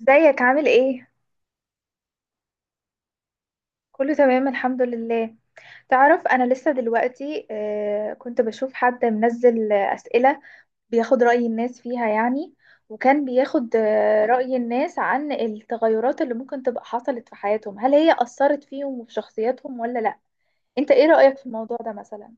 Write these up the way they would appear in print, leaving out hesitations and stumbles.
ازيك عامل ايه؟ كله تمام الحمد لله. تعرف انا لسه دلوقتي، كنت بشوف حد منزل اسئلة بياخد رأي الناس فيها يعني، وكان بياخد رأي الناس عن التغيرات اللي ممكن تبقى حصلت في حياتهم، هل هي أثرت فيهم وفي شخصياتهم ولا لا؟ انت ايه رأيك في الموضوع ده مثلا؟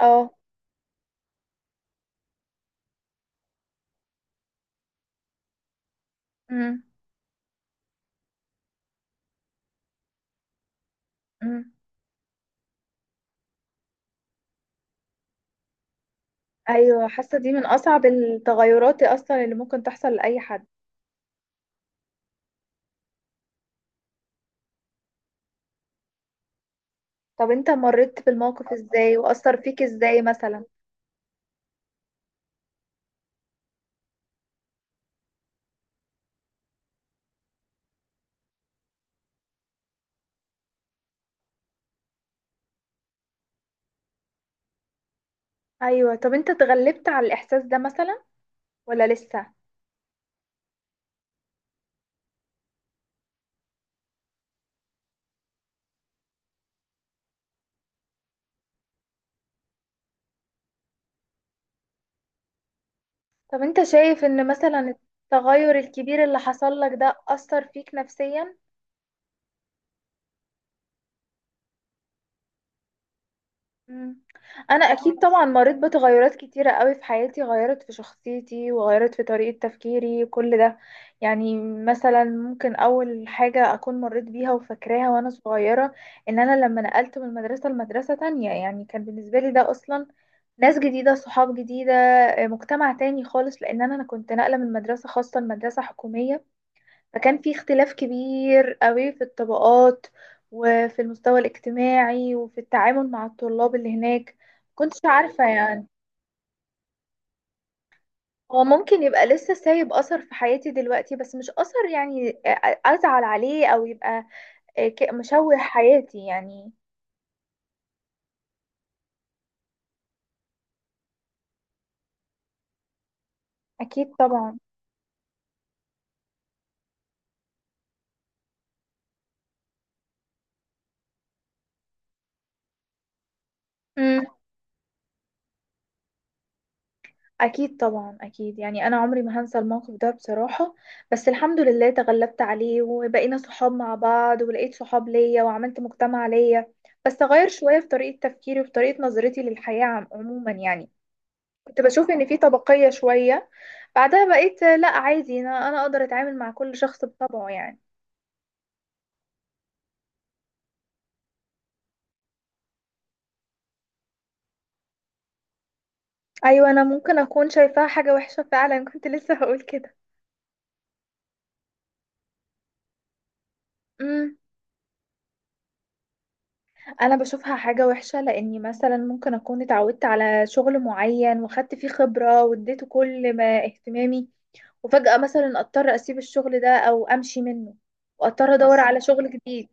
اه. امم. امم. ايوه، حاسة دي من اصعب التغيرات اصلا اللي ممكن تحصل لأي حد. طب انت مريت بالموقف ازاي وأثر فيك ازاي مثلا؟ ايوه. طب انت اتغلبت على الاحساس ده مثلا ولا لسه؟ طب انت شايف ان مثلا التغير الكبير اللي حصل لك ده اثر فيك نفسيا؟ مم. انا اكيد طبعا مريت بتغيرات كتيره قوي في حياتي، غيرت في شخصيتي وغيرت في طريقه تفكيري كل ده يعني. مثلا ممكن اول حاجه اكون مريت بيها وفاكراها وانا صغيره، ان انا لما نقلت من مدرسه لمدرسه تانية. يعني كان بالنسبه لي ده اصلا ناس جديده، صحاب جديده، مجتمع تاني خالص، لان انا كنت ناقله من مدرسه خاصه لمدرسه حكوميه. فكان في اختلاف كبير قوي في الطبقات، وفي المستوى الاجتماعي وفي التعامل مع الطلاب اللي هناك. كنتش عارفة يعني. هو ممكن يبقى لسه سايب أثر في حياتي دلوقتي، بس مش أثر يعني أزعل عليه، أو يبقى مشوه حياتي يعني. أكيد طبعا. أكيد طبعا أكيد يعني. أنا عمري ما هنسى الموقف ده بصراحة، بس الحمد لله تغلبت عليه وبقينا صحاب مع بعض ولقيت صحاب ليا وعملت مجتمع ليا. بس غير شوية في طريقة تفكيري وفي طريقة نظرتي للحياة عموما يعني. كنت بشوف إن في طبقية شوية، بعدها بقيت لأ عادي. أنا أقدر أتعامل مع كل شخص بطبعه يعني. أيوة، أنا ممكن أكون شايفاها حاجة وحشة فعلا، كنت لسه هقول كده. انا بشوفها حاجة وحشة لاني مثلا ممكن اكون اتعودت على شغل معين واخدت فيه خبرة واديته كل ما اهتمامي، وفجأة مثلا اضطر اسيب الشغل ده او امشي منه، واضطر ادور حصل على شغل جديد.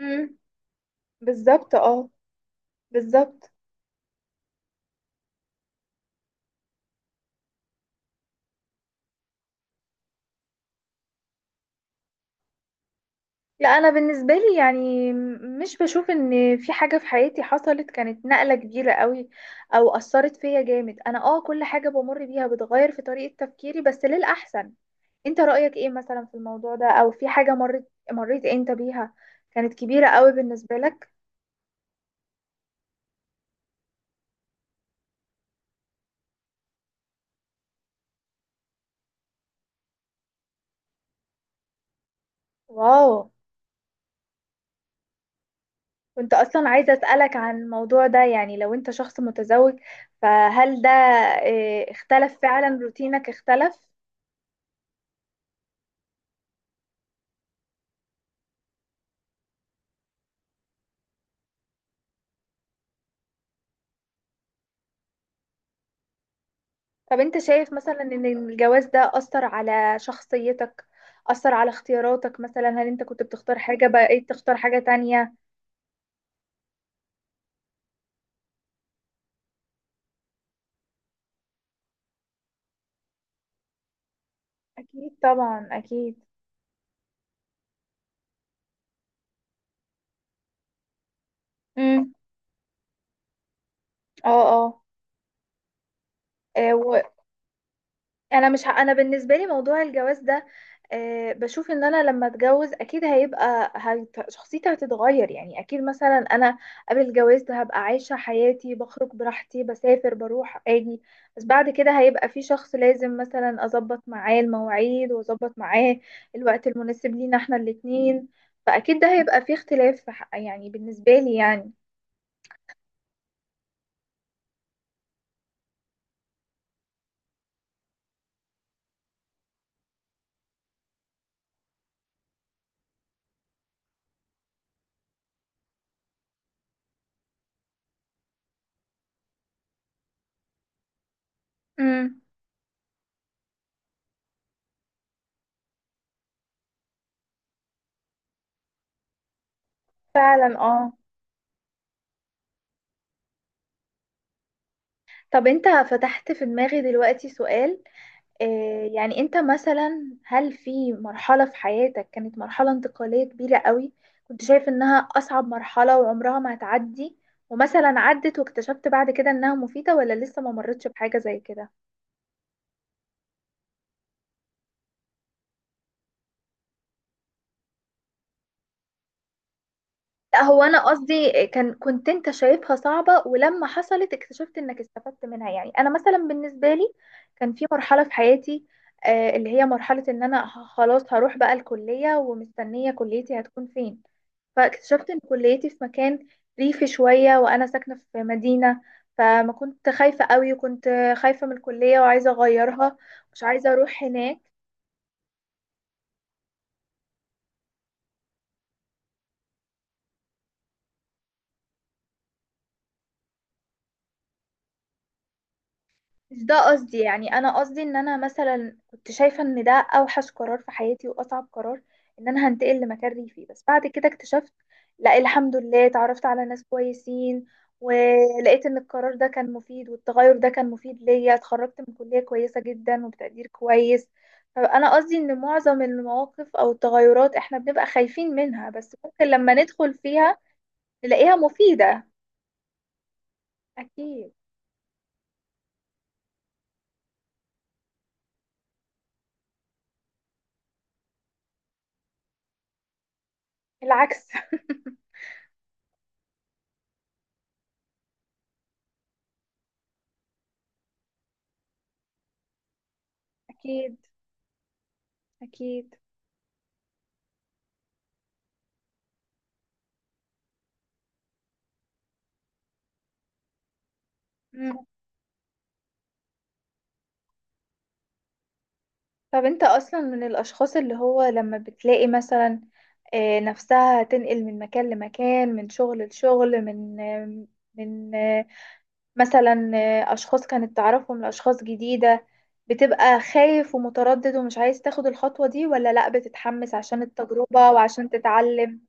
امم. بالظبط اه. بالظبط. لا، انا بالنسبة لي يعني مش بشوف ان في حاجة في حياتي حصلت كانت نقلة كبيرة قوي او اثرت فيا جامد. انا اه كل حاجة بمر بيها بتغير في طريقة تفكيري بس للأحسن. انت رأيك ايه مثلا في الموضوع ده، او في حاجة مريت انت بيها كانت كبيرة قوي بالنسبة لك؟ واو. كنت اصلا عايزة اسألك عن الموضوع ده، يعني لو انت شخص متزوج، فهل ده اه، اختلف فعلا؟ روتينك اختلف؟ طب انت شايف مثلا ان الجواز ده اثر على شخصيتك، اثر على اختياراتك مثلا؟ هل انت كنت بتختار حاجة بقيت تختار حاجة تانية؟ اكيد طبعا اكيد. امم. اه. اه. انا مش ه... انا بالنسبه لي موضوع الجواز ده، أه بشوف ان انا لما اتجوز اكيد هيبقى شخصيتي هتتغير يعني. اكيد مثلا انا قبل الجواز ده هبقى عايشه حياتي، بخرج براحتي، بسافر، بروح، اجي. بس بعد كده هيبقى في شخص لازم مثلا اظبط معاه المواعيد واظبط معاه الوقت المناسب لينا احنا الاتنين. فاكيد ده هيبقى في اختلاف في يعني بالنسبه لي يعني. امم. فعلا اه. طب انت فتحت في دماغي دلوقتي سؤال. يعني انت مثلا هل في مرحلة في حياتك كانت مرحلة انتقالية كبيرة قوي، كنت شايف انها اصعب مرحلة وعمرها ما هتعدي، ومثلا عدت واكتشفت بعد كده انها مفيدة؟ ولا لسه ما مرتش بحاجة زي كده؟ لا، هو انا قصدي كان كنت انت شايفها صعبة، ولما حصلت اكتشفت انك استفدت منها. يعني انا مثلا بالنسبة لي كان في مرحلة في حياتي اللي هي مرحلة ان انا خلاص هروح بقى الكلية ومستنية كليتي هتكون فين. فاكتشفت ان كليتي في مكان ريفي شوية وانا ساكنة في مدينة. فما كنت خايفة قوي وكنت خايفة من الكلية وعايزة اغيرها، مش عايزة اروح هناك. مش ده قصدي يعني. انا قصدي ان انا مثلا كنت شايفه ان ده اوحش قرار في حياتي واصعب قرار، ان انا هنتقل لمكان ريفي. بس بعد كده اكتشفت لا، الحمد لله اتعرفت على ناس كويسين، ولقيت ان القرار ده كان مفيد والتغير ده كان مفيد ليا، اتخرجت من كلية كويسة جدا وبتقدير كويس. فانا قصدي ان معظم المواقف او التغيرات احنا بنبقى خايفين منها، بس ممكن لما ندخل فيها نلاقيها مفيدة. اكيد. العكس. اكيد. اكيد. طب انت اصلا من الاشخاص اللي هو لما بتلاقي مثلا نفسها تنقل من مكان لمكان، من شغل لشغل، من آه، من آه، مثلا آه، اشخاص كانت تعرفهم لاشخاص جديدة، بتبقى خايف ومتردد ومش عايز تاخد الخطوة دي؟ ولا لا، بتتحمس عشان التجربة وعشان تتعلم؟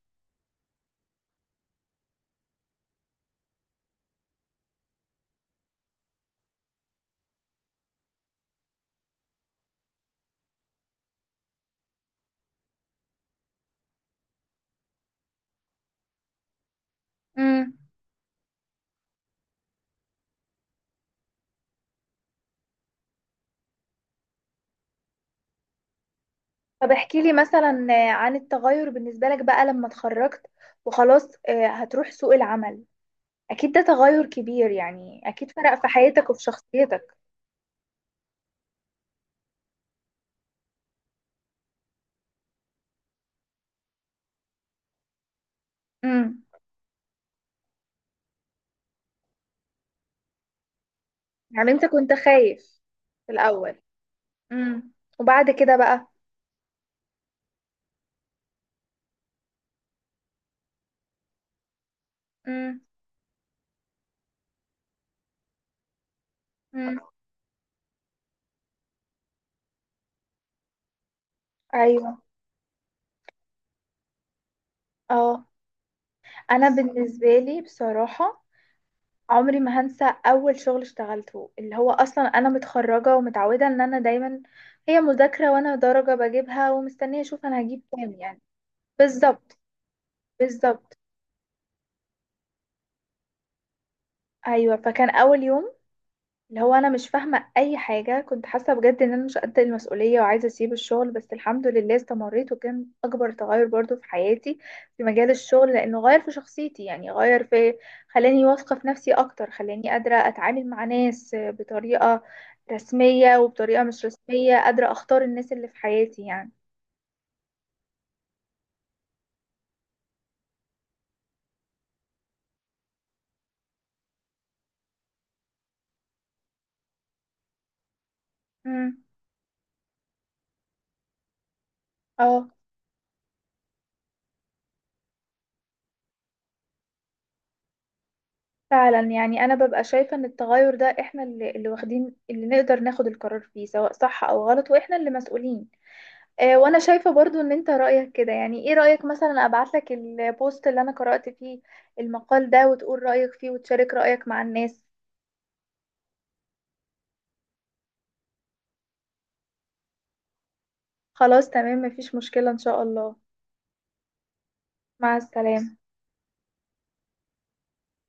امم. طب احكي لي مثلا عن التغير بالنسبة لك بقى لما اتخرجت وخلاص هتروح سوق العمل. اكيد ده تغير كبير يعني، اكيد فرق في حياتك وفي شخصيتك. امم. يعني انت كنت خايف في الاول؟ امم. وبعد كده بقى؟ امم. امم. ايوه. اه. انا بالنسبه لي بصراحه عمري ما هنسى اول شغل اشتغلته، اللي هو اصلا انا متخرجه ومتعوده ان انا دايما هي مذاكره وانا درجه بجيبها ومستنيه اشوف انا هجيب كام يعني. بالظبط. بالظبط. ايوه، فكان اول يوم اللي هو انا مش فاهمه اي حاجه، كنت حاسه بجد ان انا مش قد المسؤوليه وعايزه اسيب الشغل، بس الحمد لله استمريت وكان اكبر تغير برضو في حياتي في مجال الشغل، لانه غير في شخصيتي يعني، غير في، خلاني واثقه في نفسي اكتر، خلاني قادره اتعامل مع ناس بطريقه رسميه وبطريقه مش رسميه، قادره اختار الناس اللي في حياتي يعني. امم. اه. فعلا يعني انا ببقى شايفه ان التغير ده احنا اللي واخدين، اللي نقدر ناخد القرار فيه سواء صح او غلط، واحنا اللي مسؤولين. وانا شايفة برضو ان انت رأيك كده يعني. ايه رأيك مثلا ابعتلك البوست اللي انا قرأت فيه المقال ده وتقول رأيك فيه وتشارك رأيك مع الناس؟ خلاص تمام، مفيش مشكلة ان شاء الله. مع السلامة.